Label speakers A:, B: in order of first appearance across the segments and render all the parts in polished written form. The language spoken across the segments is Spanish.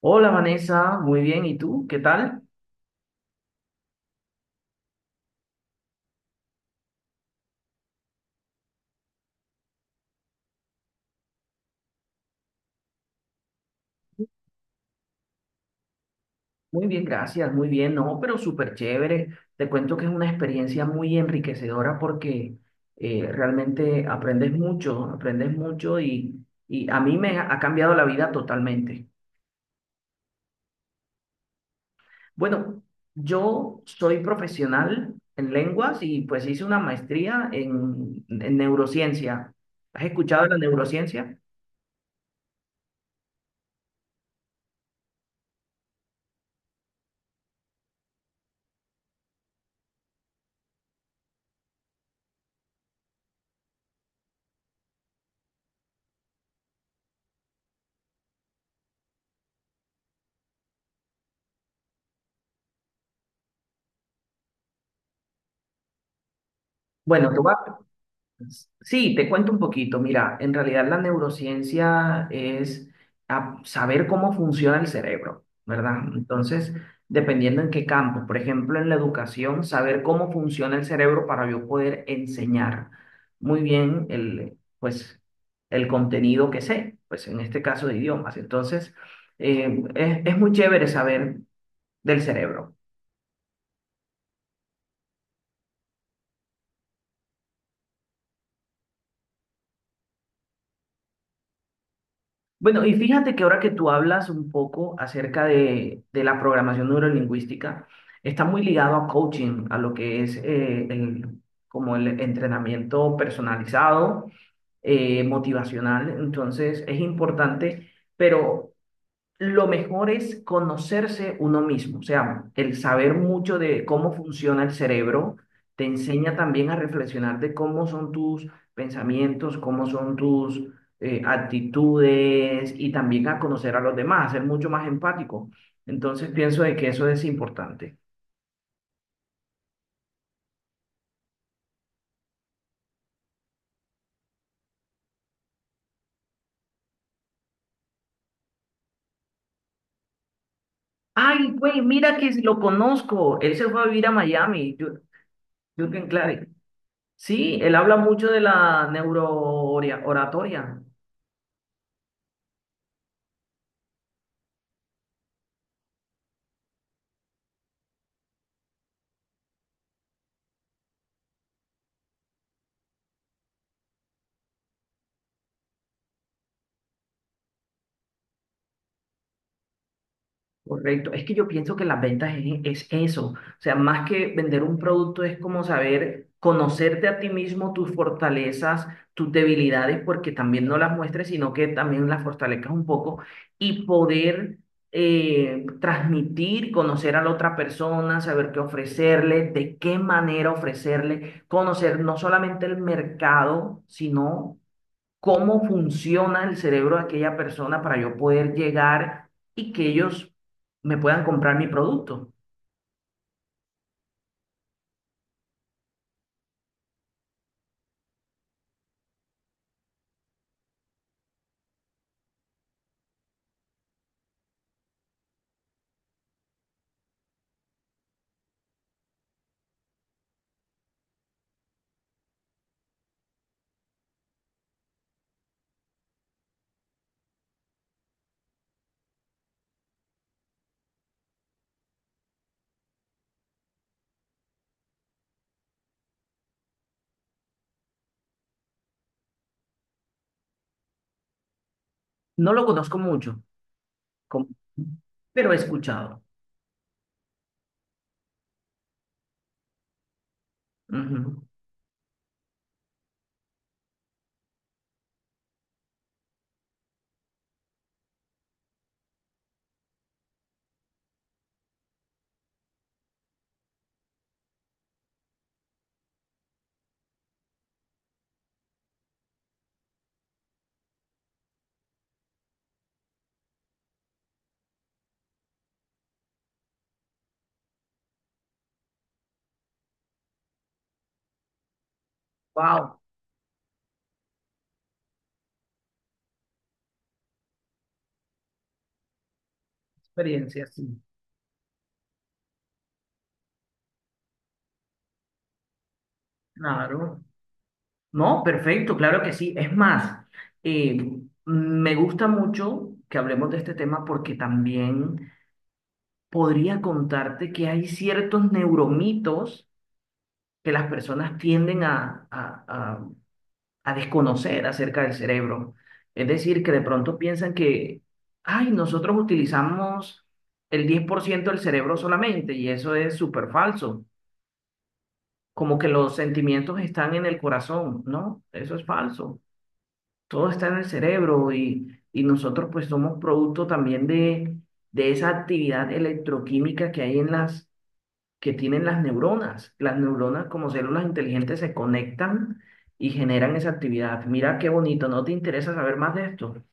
A: Hola Vanessa, muy bien. ¿Y tú? ¿Qué tal? Muy bien, gracias. Muy bien, no, pero súper chévere. Te cuento que es una experiencia muy enriquecedora porque realmente aprendes mucho, aprendes mucho y a mí me ha cambiado la vida totalmente. Bueno, yo soy profesional en lenguas y pues hice una maestría en neurociencia. ¿Has escuchado de la neurociencia? Bueno, te voy a Sí, te cuento un poquito. Mira, en realidad la neurociencia es saber cómo funciona el cerebro, ¿verdad? Entonces, dependiendo en qué campo, por ejemplo, en la educación, saber cómo funciona el cerebro para yo poder enseñar muy bien el, pues, el contenido que sé, pues en este caso de idiomas. Entonces, es muy chévere saber del cerebro. Bueno, y fíjate que ahora que tú hablas un poco acerca de la programación neurolingüística, está muy ligado a coaching, a lo que es el, como el entrenamiento personalizado, motivacional. Entonces, es importante, pero lo mejor es conocerse uno mismo, o sea, el saber mucho de cómo funciona el cerebro te enseña también a reflexionar de cómo son tus pensamientos, cómo son tus actitudes y también a conocer a los demás, a ser mucho más empático. Entonces pienso de que eso es importante. Ay, güey, mira que lo conozco. Él se fue a vivir a Miami, Jürgen Clary. Sí, él habla mucho de la neurooratoria. Correcto. Es que yo pienso que las ventas es eso. O sea, más que vender un producto es como saber conocerte a ti mismo, tus fortalezas, tus debilidades, porque también no las muestres, sino que también las fortalezcas un poco y poder transmitir, conocer a la otra persona, saber qué ofrecerle, de qué manera ofrecerle, conocer no solamente el mercado, sino cómo funciona el cerebro de aquella persona para yo poder llegar y que ellos me puedan comprar mi producto. No lo conozco mucho, com- pero he escuchado. Ujú. Wow, experiencia, sí. Claro. No, perfecto, claro que sí. Es más, eh, me gusta mucho que hablemos de este tema porque también podría contarte que hay ciertos neuromitos que las personas tienden a a desconocer acerca del cerebro. Es decir, que de pronto piensan que, ay, nosotros utilizamos el 10% del cerebro solamente y eso es súper falso. Como que los sentimientos están en el corazón, ¿no? Eso es falso. Todo está en el cerebro y nosotros pues somos producto también de esa actividad electroquímica que hay que tienen las neuronas. Las neuronas como células inteligentes se conectan y generan esa actividad. Mira qué bonito, ¿no te interesa saber más de esto?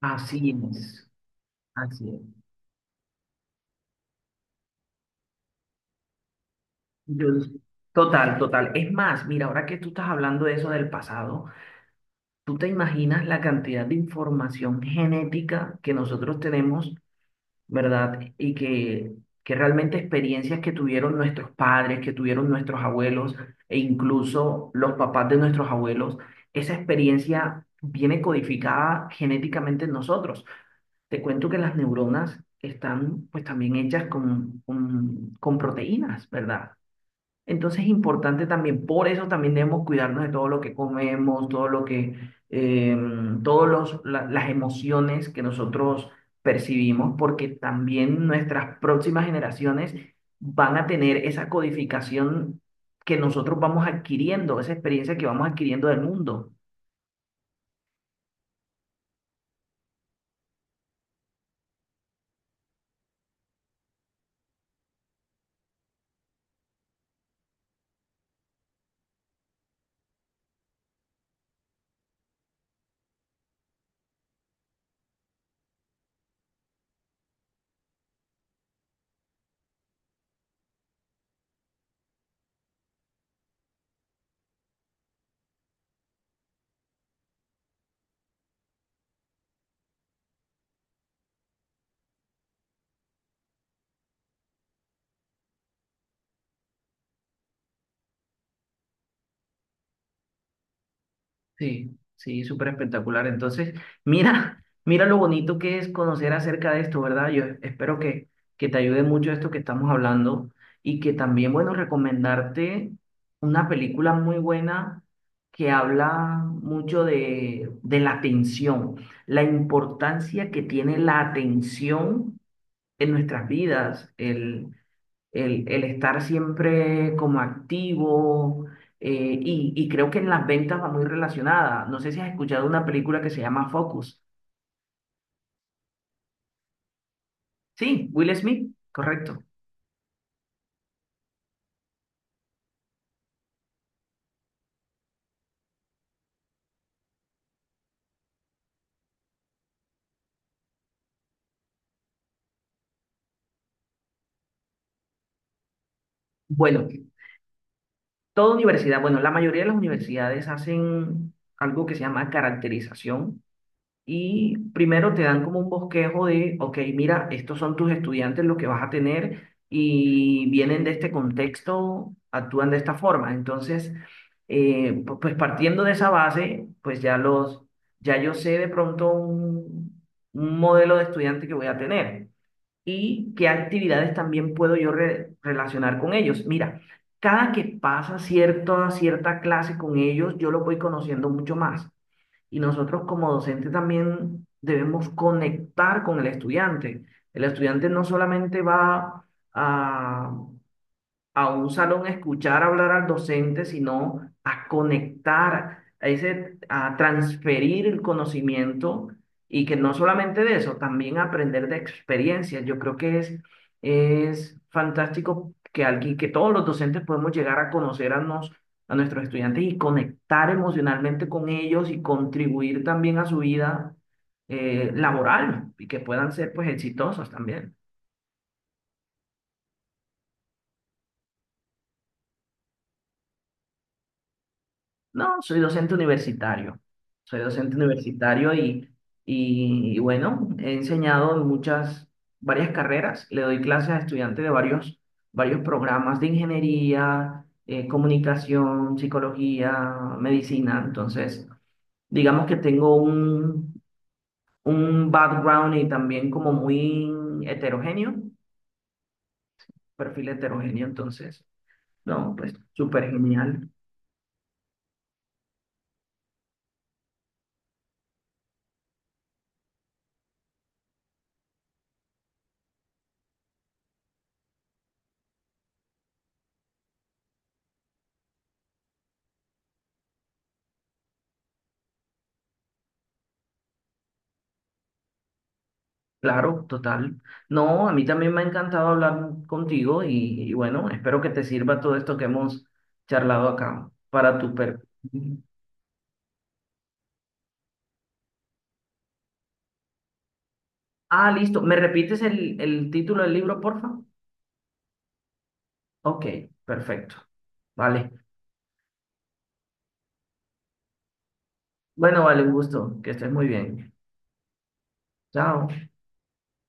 A: Así es, así es. Yo- Total, total. Es más, mira, ahora que tú estás hablando de eso del pasado, ¿tú te imaginas la cantidad de información genética que nosotros tenemos? ¿Verdad? Que realmente experiencias que tuvieron nuestros padres, que tuvieron nuestros abuelos e incluso los papás de nuestros abuelos, esa experiencia viene codificada genéticamente en nosotros. Te cuento que las neuronas están pues también hechas con proteínas, ¿verdad? Entonces es importante también, por eso también debemos cuidarnos de todo lo que comemos, todo lo que, eh, las emociones que nosotros percibimos, porque también nuestras próximas generaciones van a tener esa codificación que nosotros vamos adquiriendo, esa experiencia que vamos adquiriendo del mundo. Sí, sí, súper espectacular. Entonces, mira, mira lo bonito que es conocer acerca de esto, ¿verdad? Yo espero que te ayude mucho esto que estamos hablando y que también, bueno, recomendarte una película muy buena que habla mucho de la atención, la importancia que tiene la atención en nuestras vidas, el estar siempre como activo y creo que en las ventas va muy relacionada. No sé si has escuchado una película que se llama Focus. Sí, Will Smith, correcto. Bueno, toda universidad, bueno, la mayoría de las universidades hacen algo que se llama caracterización. Y primero te dan como un bosquejo de, ok, mira, estos son tus estudiantes los que vas a tener y vienen de este contexto, actúan de esta forma. Entonces, pues partiendo de esa base, ya yo sé de pronto un modelo de estudiante que voy a tener y qué actividades también puedo yo relacionar con ellos. Mira, cada que pasa cierta clase con ellos, yo los voy conociendo mucho más y nosotros como docente también debemos conectar con el estudiante. El estudiante no solamente va a, a un salón a escuchar hablar al docente, sino a conectar, a, ese, a transferir el conocimiento y que no solamente de eso, también aprender de experiencias. Yo creo que es fantástico que alguien, que todos los docentes podemos llegar a conocer a nuestros estudiantes y conectar emocionalmente con ellos y contribuir también a su vida laboral y que puedan ser pues exitosos también. No, soy docente universitario. Soy docente universitario y bueno, he enseñado en muchas, varias carreras. Le doy clases a estudiantes de varios, varios programas de ingeniería, comunicación, psicología, medicina. Entonces, digamos que tengo un background y también como muy heterogéneo, perfil heterogéneo. Entonces, no, pues súper genial. Claro, total. No, a mí también me ha encantado hablar contigo y bueno, espero que te sirva todo esto que hemos charlado acá para tu per. Ah, listo. ¿Me repites el título del libro, porfa? Ok, perfecto. Vale. Bueno, vale, un gusto. Que estés muy bien. Chao.